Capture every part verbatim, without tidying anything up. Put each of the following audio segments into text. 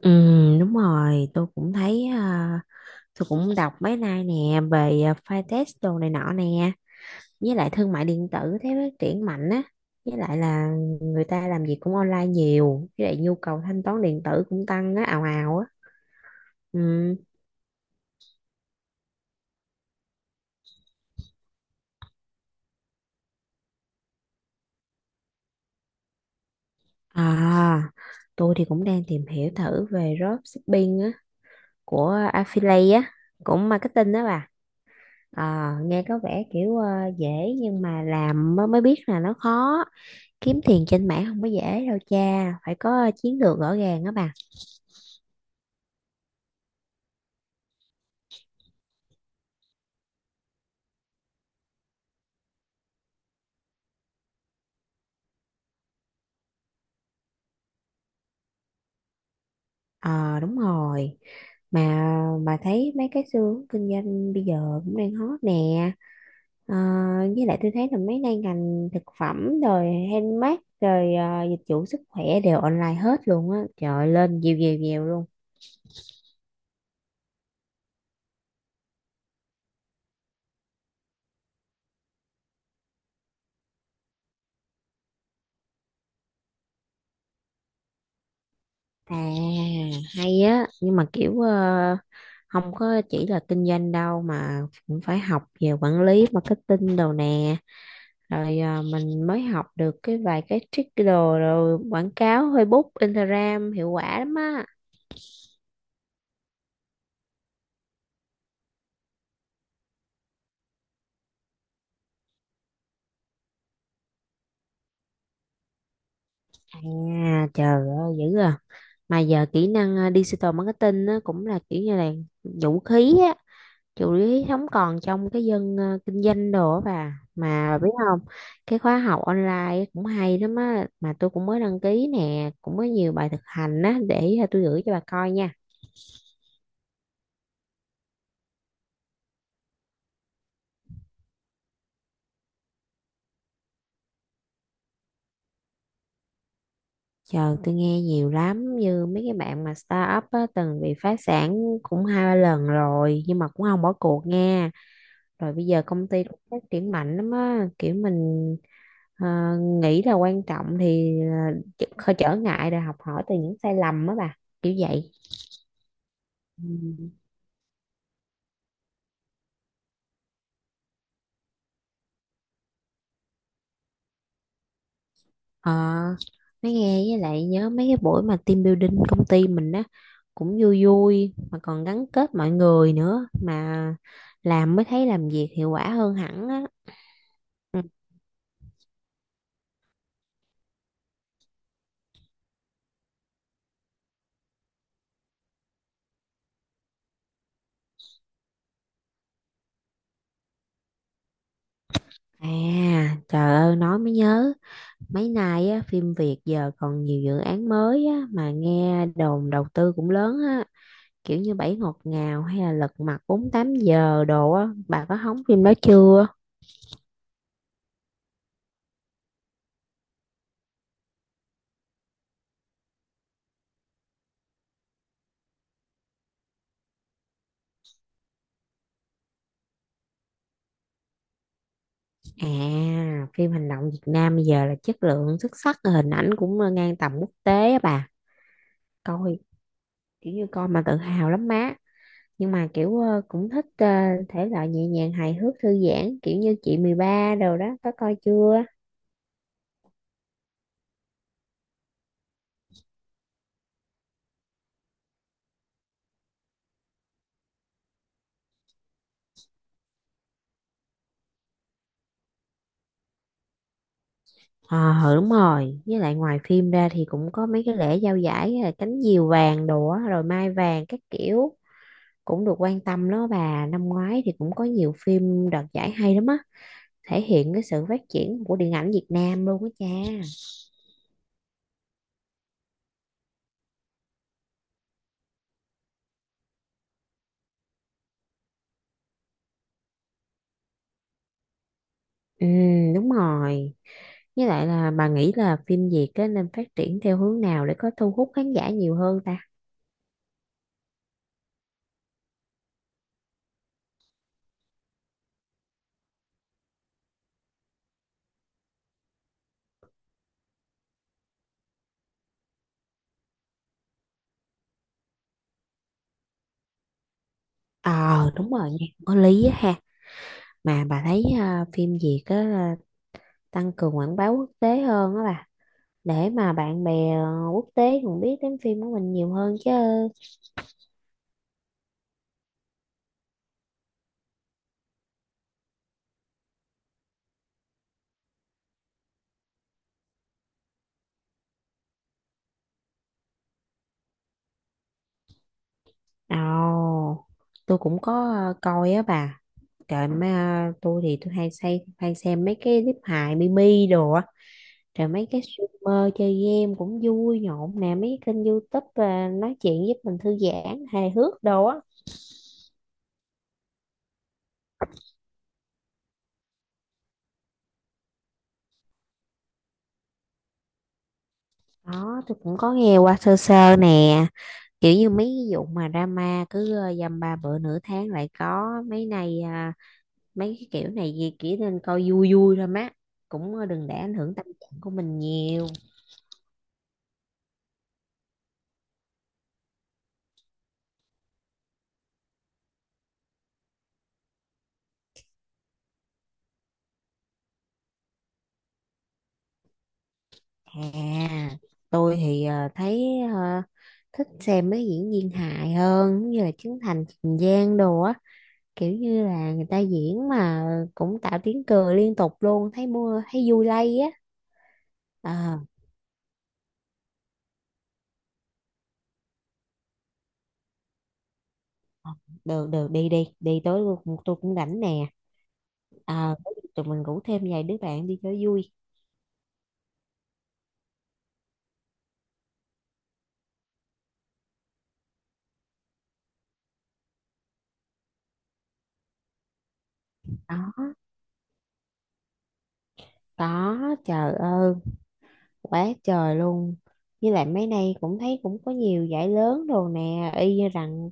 Ừ, đúng rồi, tôi cũng thấy à, tôi cũng đọc mấy nay nè về à, file test đồ này nọ nè, với lại thương mại điện tử thấy phát triển mạnh á, với lại là người ta làm gì cũng online nhiều, với lại nhu cầu thanh toán điện tử cũng tăng á ào ào á. Ừ. À, tôi thì cũng đang tìm hiểu thử về dropshipping á của affiliate á, cũng marketing đó bà. À, nghe có vẻ kiểu à, dễ, nhưng mà làm mới mới biết là nó khó. Kiếm tiền trên mạng không có dễ đâu cha, phải có chiến lược rõ ràng đó bà. Ờ, đúng rồi. Mà bà thấy mấy cái xu hướng kinh doanh bây giờ cũng đang hot nè. Ờ, với lại tôi thấy là mấy nay ngành thực phẩm rồi handmade rồi ờ, dịch vụ sức khỏe đều online hết luôn á. Trời ơi, lên nhiều nhiều nhiều luôn. À, hay á, nhưng mà kiểu ờ, không có chỉ là kinh doanh đâu, mà cũng phải học về quản lý marketing đồ nè, rồi à, mình mới học được cái vài cái trick đồ rồi quảng cáo Facebook Instagram hiệu quả lắm á. À, trời ơi dữ à. Mà giờ kỹ năng à, digital marketing á, cũng là kiểu như là vũ khí á, vũ khí không còn trong cái dân à, kinh doanh đồ á bà, mà bà biết không? Cái khóa học online cũng hay lắm á, mà tôi cũng mới đăng ký nè, cũng có nhiều bài thực hành á, để à, tôi gửi cho bà coi nha. Trời, tôi nghe nhiều lắm, như mấy cái bạn mà startup á, từng bị phá sản cũng hai ba lần rồi, nhưng mà cũng không bỏ cuộc nha. Rồi bây giờ công ty cũng phát triển mạnh lắm á, kiểu mình ờ, nghĩ là quan trọng thì ờ, ch- không trở ngại, rồi học hỏi từ những sai lầm á bà, kiểu vậy. Ừ. Ờ, nói nghe với lại nhớ mấy cái buổi mà team building công ty mình á, cũng vui vui mà còn gắn kết mọi người nữa, mà làm mới thấy làm việc hiệu quả hơn hẳn á. À, trời ơi nói mới nhớ, mấy nay á, phim Việt giờ còn nhiều dự án mới á, mà nghe đồn đầu tư cũng lớn á, kiểu như Bảy Ngọt Ngào hay là Lật Mặt bốn mươi tám giờ đồ á, bà có hóng phim đó chưa? À, phim hành động Việt Nam bây giờ là chất lượng xuất sắc, hình ảnh cũng ờ, ngang tầm quốc tế á bà. Coi kiểu như coi mà tự hào lắm má, nhưng mà kiểu ờ, cũng thích ờ, thể loại nhẹ nhàng hài hước thư giãn, kiểu như Chị Mười Ba đồ đó, có coi chưa? Ờ ừ, đúng rồi, với lại ngoài phim ra thì cũng có mấy cái lễ trao giải là Cánh Diều Vàng đồ á, rồi Mai Vàng các kiểu, cũng được quan tâm đó bà. Năm ngoái thì cũng có nhiều phim đoạt giải hay lắm á, thể hiện cái sự phát triển của điện ảnh Việt Nam luôn á cha. Ừ, đúng rồi, với lại là bà nghĩ là phim Việt á, nên phát triển theo hướng nào để có thu hút khán giả nhiều hơn ta? Ờ, đúng rồi nha, có lý á ha. Mà bà thấy à, phim Việt á, là tăng cường quảng bá quốc tế hơn á bà, để mà bạn bè ờ, quốc tế còn biết đến phim của mình nhiều hơn chứ. Ồ, tôi cũng có ờ, coi á bà. Trời, mấy ờ, tôi thì tôi hay xem hay xem mấy cái clip hài mimi đồ á. Trời, mấy cái streamer chơi game cũng vui nhộn nè, mấy cái kênh YouTube à, nói chuyện giúp mình thư giãn, hài hước đồ á. Đó, tôi cũng có nghe qua sơ sơ nè, kiểu như mấy cái vụ mà drama cứ ờ, dăm ba bữa nửa tháng lại có, mấy này à, mấy cái kiểu này gì chỉ nên coi vui vui thôi má, cũng ờ, đừng để ảnh hưởng tâm trạng của mình nhiều. À, tôi thì ờ, thấy ờ, thích xem mấy diễn viên hài hơn, như là Trấn Thành, Trình Giang đồ á, kiểu như là người ta diễn mà cũng tạo tiếng cười liên tục luôn, thấy mua thấy vui lây á. Ờ, được được, đi đi đi, tối tôi, tôi cũng rảnh nè. Ờ, có gì tụi mình rủ thêm vài đứa bạn đi cho vui. có có trời ơi, quá trời luôn. Với lại mấy nay cũng thấy cũng có nhiều giải lớn đồ nè, y như rằng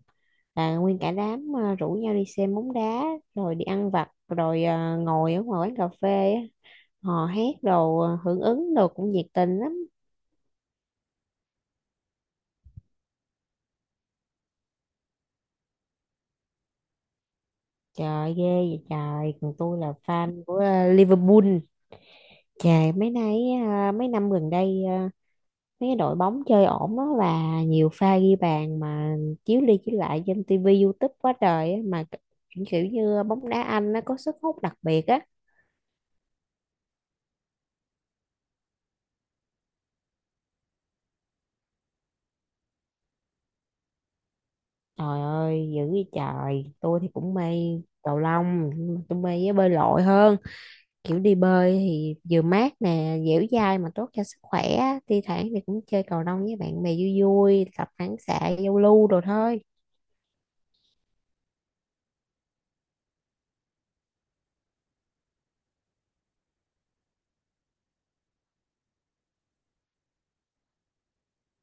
là nguyên cả đám à, rủ nhau đi xem bóng đá, rồi đi ăn vặt, rồi à, ngồi ở ngoài quán cà phê á, hò hét đồ à, hưởng ứng đồ cũng nhiệt tình lắm. Trời ghê vậy trời, còn tôi là fan của à, Liverpool. Trời, mấy nay à, mấy năm gần đây à, mấy cái đội bóng chơi ổn đó, và nhiều pha ghi bàn mà chiếu đi chiếu lại trên tivi YouTube quá trời á, mà kiểu kiểu như bóng đá Anh nó có sức hút đặc biệt á. Trời ơi dữ vậy trời, tôi thì cũng mê cầu lông, nhưng mà tôi mê với bơi lội hơn, kiểu đi bơi thì vừa mát nè, dẻo dai mà tốt cho sức khỏe á. Thi thoảng thì cũng chơi cầu lông với bạn bè vui vui, tập phản xạ giao lưu đồ thôi.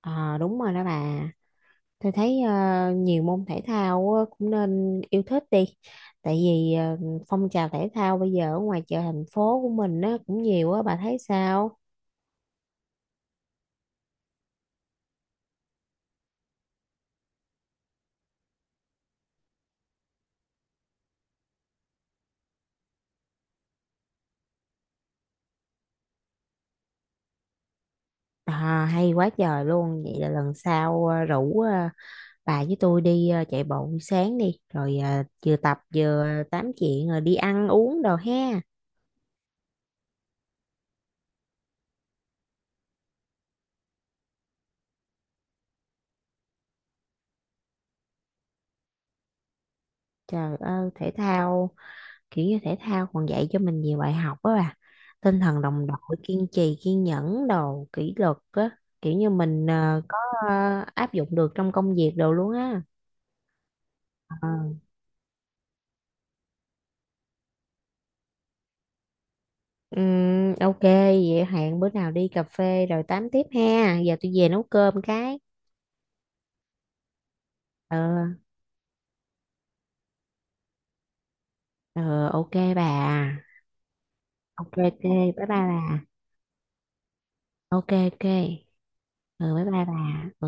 Ờ, đúng rồi đó bà. Tôi thấy ờ, nhiều môn thể thao á, cũng nên yêu thích đi. Tại vì ờ, phong trào thể thao bây giờ ở ngoài chợ thành phố của mình á, cũng nhiều á, bà thấy sao? À, hay quá trời luôn. Vậy là lần sau ờ, rủ ờ, bà với tôi đi ờ, chạy bộ buổi sáng đi. Rồi ờ, vừa tập vừa tám chuyện rồi đi ăn uống đồ ha. Trời ơi, thể thao kiểu như thể thao còn dạy cho mình nhiều bài học á bà, tinh thần đồng đội, kiên trì kiên nhẫn đồ, kỷ luật á, kiểu như mình ờ, có ờ, áp dụng được trong công việc đồ luôn á. Ờ. Ừm, ok vậy hẹn bữa nào đi cà phê rồi tám tiếp ha, giờ tôi về nấu cơm cái. Ờ ờ, ok bà. Ok ok, bye bye bà. Ok ok. Ừ, bye bye bà. Ừ.